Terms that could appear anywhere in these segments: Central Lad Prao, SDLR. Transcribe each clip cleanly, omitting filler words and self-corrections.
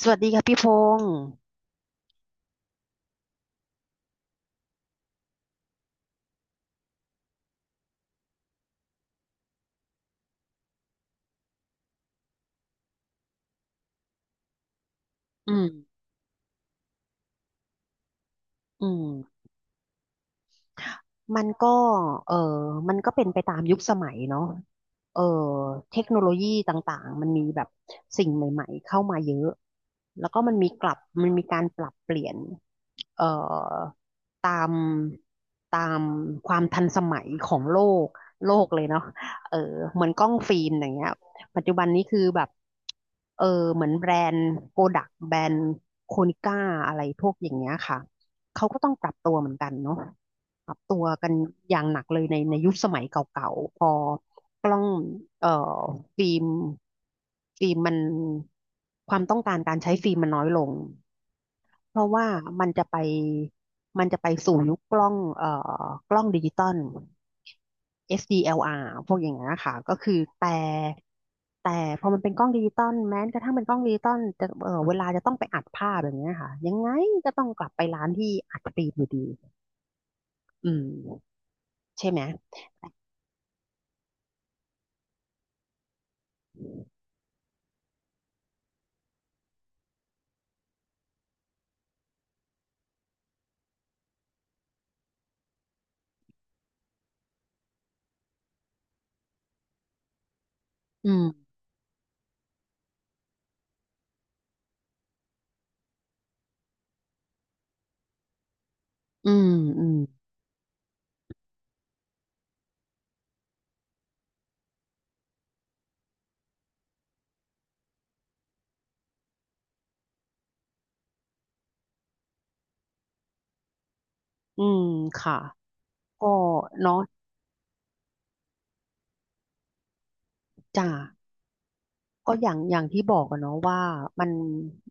สวัสดีค่ะพี่พงษ์อืมอืมมันก็เออมันก็เป็นไปตามยุคสมัยเนาะเออเทคโนโลยีต่างๆมันมีแบบสิ่งใหม่ๆเข้ามาเยอะ แล้วก็มันมีกลับมันมีการปรับเปลี่ยนเอ่อตามตามความทันสมัยของโลกเลยเนาะเออเหมือนกล้องฟิล์มอย่างเงี้ยปัจจุบันนี้คือแบบเออเหมือนแบรนด์โกดักแบรนด์โคนิก้าอะไรพวกอย่างเงี้ยค่ะ เขาก็ต้องปรับตัวเหมือนกันเนาะปรับตัวกันอย่างหนักเลยในยุคสมัยเก่าๆพอกล้องเอ่อฟิล์มมันความต้องการการใช้ฟิล์มมันน้อยลง เพราะว่ามันจะไปมันจะไปสู่ยุคกล้องกล้องดิจิตอล SDLR พวกอย่างเงี้ยค่ะก็คือแต่พอมันเป็นกล้องดิจิตอลแม้กระทั่งเป็นกล้องดิจิตอลจะเวลาจะต้องไปอัดภาพอย่างเงี้ยค่ะยังไงก็ต้องกลับไปร้านที่อัดฟิล์มอยู่ดีอืมใช่ไหมอืมอืมอืมอืมค่ะก็เนาะจ้า ก็อย่างที่บอกอะเนาะว่ามัน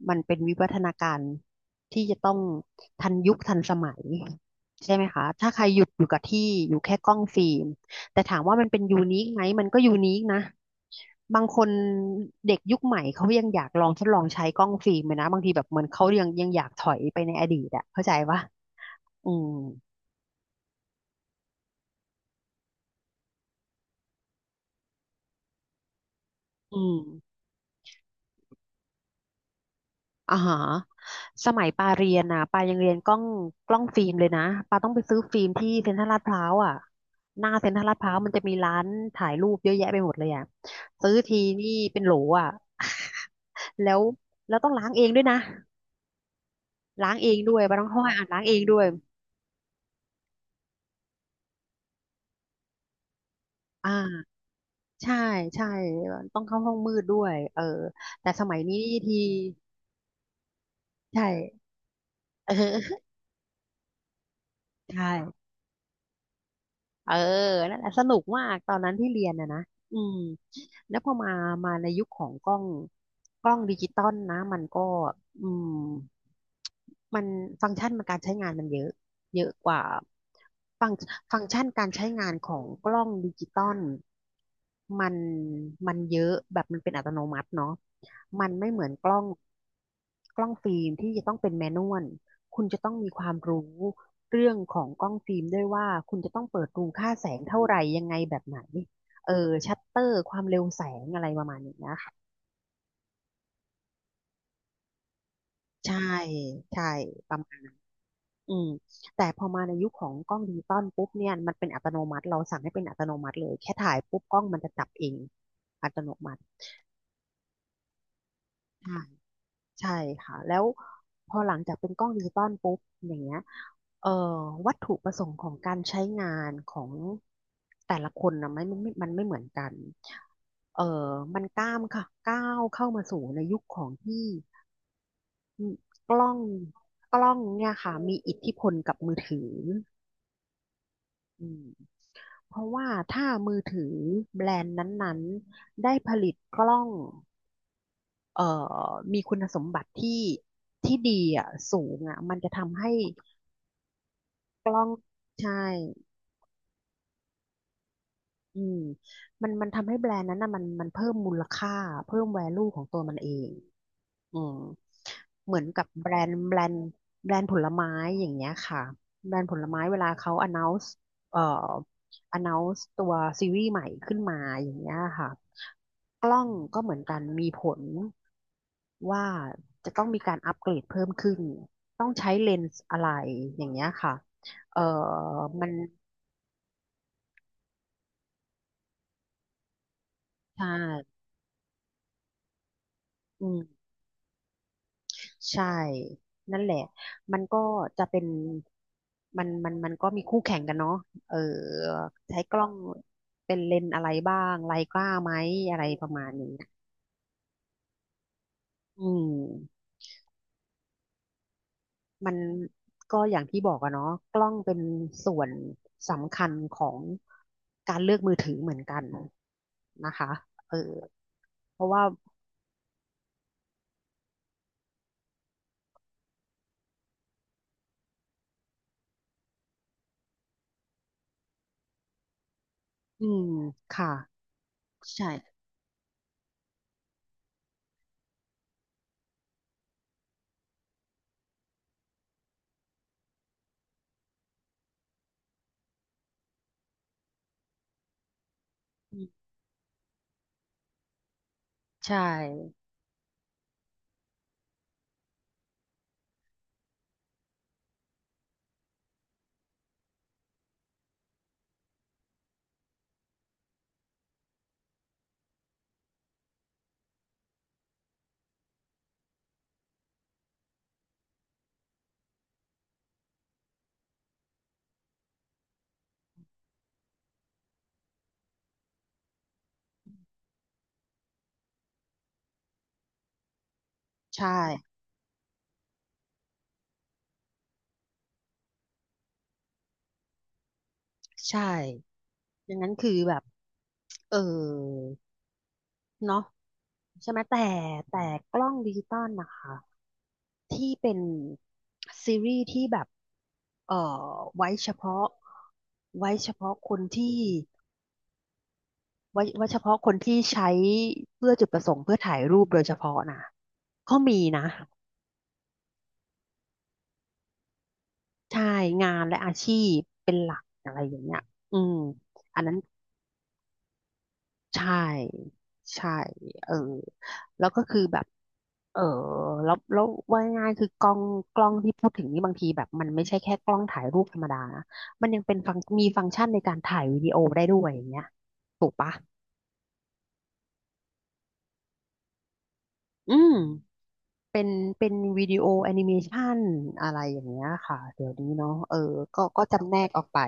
มันเป็นวิวัฒนาการที่จะต้องทันยุคทันสมัยใช่ไหมคะถ้าใครหยุดอยู่กับที่อยู่แค่กล้องฟิล์มแต่ถามว่ามันเป็นยูนิคไหมมันก็ยูนิคนะบางคนเด็กยุคใหม่เขายังอยากลองทดลองใช้กล้องฟิล์มเลยนะบางทีแบบเหมือนเขายังอยากถอยไปในอดีตอะเข้าใจปะอืมอืม อ่าฮะสมัยปาเรียนนะปายังเรียนกล้องฟิล์มเลยนะปาต้องไปซื้อฟิล์มที่เซ็นทรัลลาดพร้าวอ่ะหน้าเซ็นทรัลลาดพร้าวมันจะมีร้านถ่ายรูปเยอะแยะไปหมดเลยอ่ะซื้อทีนี่เป็นโหลอ่ะ แล้วแล้วต้องล้างเองด้วยนะล้างเองด้วยปาต้องเข้าห้องอ่านล้างเองด้วยอ่าใช่ใช่ต้องเข้าห้องมืดด้วยเออแต่สมัยนี้ทีใช่เออ ใช่ เออนั่นแหละสนุกมากตอนนั้นที่เรียนอะนะอืมแล้วพอมา มาในยุคของกล้องดิจิตอลนะมันก็อืมมันฟังก์ชันมันการใช้งานมันเยอะเยอะกว่าฟังฟังก์ชันการใช้งานของกล้องดิจิตอลมันมันเยอะแบบมันเป็นอัตโนมัติเนาะมันไม่เหมือนกล้องฟิล์มที่จะต้องเป็นแมนนวล คุณจะต้องมีความรู้เรื่องของกล้องฟิล์มด้วยว่าคุณจะต้องเปิดรูค่าแสงเท่าไหร่ยังไงแบบไหนเออชัตเตอร์ความเร็วแสงอะไรประมาณนี้นะคะใช่ใช่ประมาณอืมแต่พอมาในยุคของกล้องดิจิตอลปุ๊บเนี่ยมันเป็นอัตโนมัติเราสั่งให้เป็นอัตโนมัติเลยแค่ถ่ายปุ๊บกล้องมันจะจับเองอัตโนมัติ ใช่ค่ะแล้วพอหลังจากเป็นกล้องดิจิตอลปุ๊บอย่างเงี้ยเอ่อวัตถุประสงค์ของการใช้งานของแต่ละคนนะไม่มันไม่เหมือนกันเอ่อมันก้าวเข้ามาสู่ในยุคของที่กล้องเนี่ยค่ะมีอิทธิพลกับมือถืออืมเพราะว่าถ้ามือถือแบรนด์นั้นๆได้ผลิตกล้องเอ่อมีคุณสมบัติที่ดีอ่ะสูงอ่ะมันจะทำให้ กล้องใช่อืมมันทำให้แบรนด์นั้นนะมันเพิ่มมูลค่าเพิ่มแวลูของตัวมันเองอืมเหมือนกับแบรนด์ผลไม้อย่างเงี้ยค่ะแบรนด์ผลไม้เวลาเขา announce เอ่อ announce ตัวซีรีส์ใหม่ขึ้นมาอย่างเงี้ยค่ะกล้องก็เหมือนกันมีผลว่าจะต้องมีการอัปเกรดเพิ่มขึ้นต้องใช้เลนส์อะไรอย่างเงี้ยค่ะเอ่อมันใช่ อืมใช่นั่นแหละมันก็จะเป็นมันก็มีคู่แข่งกันเนาะเออใช้กล้องเป็นเลนส์อะไรบ้างไรกล้าไหมอะไรประมาณนี้อืมมันก็อย่างที่บอกอะเนาะกล้องเป็นส่วนสำคัญของการเลือกมือถือเหมือนกันนะคะเออเพราะว่าอืมค่ะใช่อืมใช่ใช่ใช่ดังนั้นคือแบบเออ เนาะใช่ไหมแต่กล้องดิจิตอลนะคะที่เป็นซีรีส์ที่แบบเอ่ไว้เฉพาะไว้เฉพาะคนที่ไว้ไว้เฉพาะคนที่ใช้เพื่อจุดประสงค์เพื่อถ่ายรูปโดยเฉพาะนะก็มีนะใช่งานและอาชีพเป็นหลักอะไรอย่างเงี้ยอืมอันนั้น ใช่ใช่เออแล้วก็คือแบบเออแล้วว่าง่ายๆคือกล้องที่พูดถึงนี่บางทีแบบมันไม่ใช่แค่กล้องถ่ายรูปธรรมดานะมันยังเป็นฟังมีฟังก์ชันในการถ่ายวิดีโอได้ด้วยอย่างเงี้ยถูกปะอืมเป็นเป็นวิดีโอแอนิเมชันอะไรอย่างเงี้ยค่ะเดี๋ยวนี้เนาะเออก็จำแนกออกไป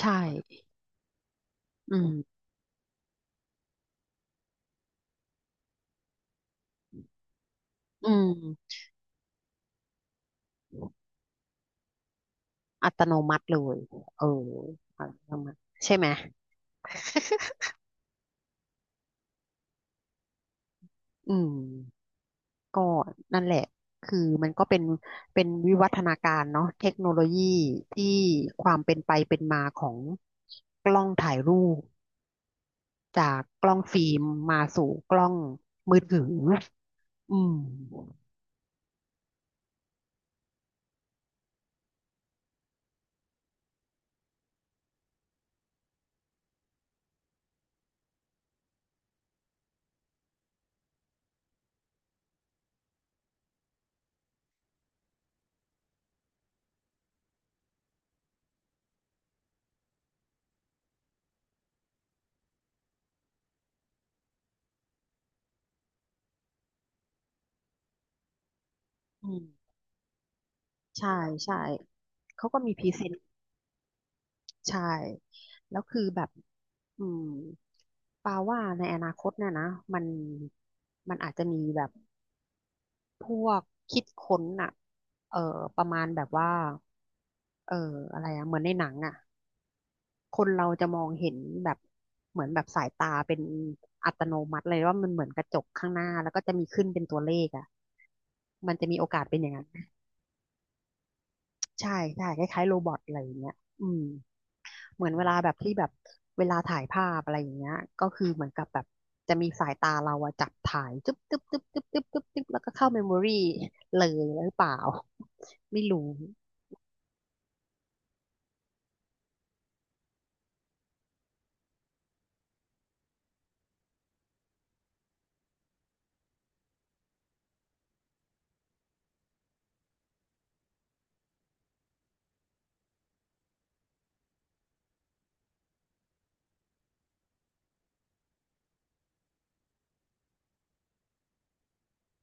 ใช่อืมอืมอัตโนมัติเลยเอออัตโนมัติใช่ไหม อืม ก็นั่นแหละคือมันก็เป็นวิวัฒนาการเนาะเทคโนโลยีที่ความเป็นไปเป็นมาของกล้องถ่ายรูปจากกล้องฟิล์มมาสู่กล้องมือถืออืมอืมใช่ใช่เขาก็มีพรีเซนต์ใช่แล้วคือแบบอืมปาว่าในอนาคตเนี่ยนะมันมันอาจจะมีแบบ พวกคิดค้นอะเออประมาณแบบว่าเอออะไรอะเหมือนในหนังอะคนเราจะมองเห็นแบบเหมือนแบบสายตาเป็นอัตโนมัติเลยว่ามันเหมือนกระจกข้างหน้าแล้วก็จะมีขึ้นเป็นตัวเลขอะมันจะมีโอกาสเป็นอย่างนั้นใช่ใช่คล้ายๆโรบอทอะไรอย่างเงี้ยอืม เหมือนเวลาแบบที่แบบเวลาถ่ายภาพอะไรอย่างเงี้ยก็คือเหมือนกับแบบจะมีสายตาเราอะจับถ่ายจึ๊บจึ๊บจึ๊บจึ๊บจึ๊บจึ๊บจึ๊บแล้วก็เข้าเมมโมรี่เลยหรือเปล่า ไม่รู้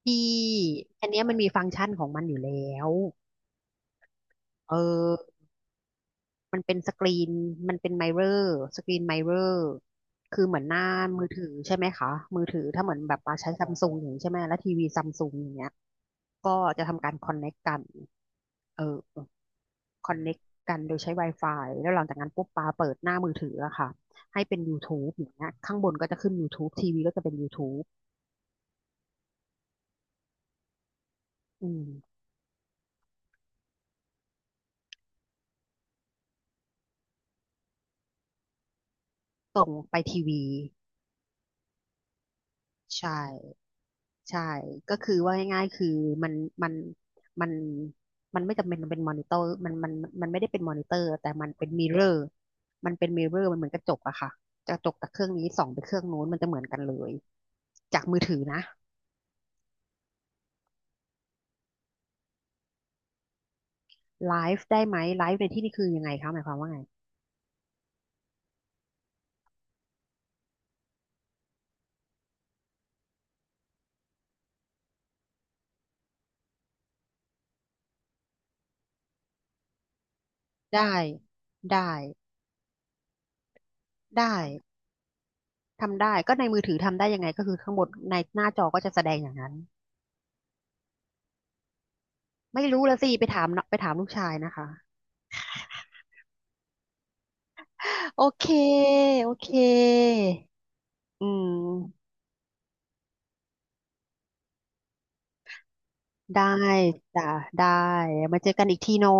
ที่อันเนี้ยมันมีฟังก์ชันของมันอยู่แล้วเออมันเป็นสกรีนมันเป็นไมเรอร์สกรีนไมเรอร์คือเหมือนหน้ามือถือใช่ไหมคะมือถือถ้าเหมือนแบบเราใช้ซัมซุงอย่างนี้ใช่ไหมแล้วทีวีซัมซุงอย่างเงี้ยก็จะทำการคอนเน็กกันเออ คอนเน็กกันโดยใช้ Wi-Fi แล้วหลังจากนั้นปุ๊บปาเปิดหน้ามือถืออะค่ะให้เป็น YouTube อย่างเงี้ยข้างบนก็จะขึ้น YouTube ทีวีก็จะเป็น YouTube อืมส่งไปทีวีใช่ใช่ก็คือว่าง่ายๆคือมันมันมันมันไม่จำเป็นมันเป็นมอนิเตอร์มันไม่ได้เป็นมอนิเตอร์แต่มันเป็นมิเรอร์มันเป็นมิเรอร์มันเหมือนกระจกอะค่ะกระจกจากเครื่องนี้ส่องไปเครื่องโน้นมันจะเหมือนกันเลยจากมือถือนะไลฟ์ได้ไหมไลฟ์ในที่นี่คือยังไงคะหมายความว่าไง ได้ได้ได้ทำได้ก็ในมือถือทำได้ยังไงก็คือข้างบนในหน้าจอก็จะแสดงอย่างนั้นไม่รู้ละสิไปถามลูกชายนะคะโอเคโอเคอืมได้จ้ะได้มาเจอกันอีกทีเนาะ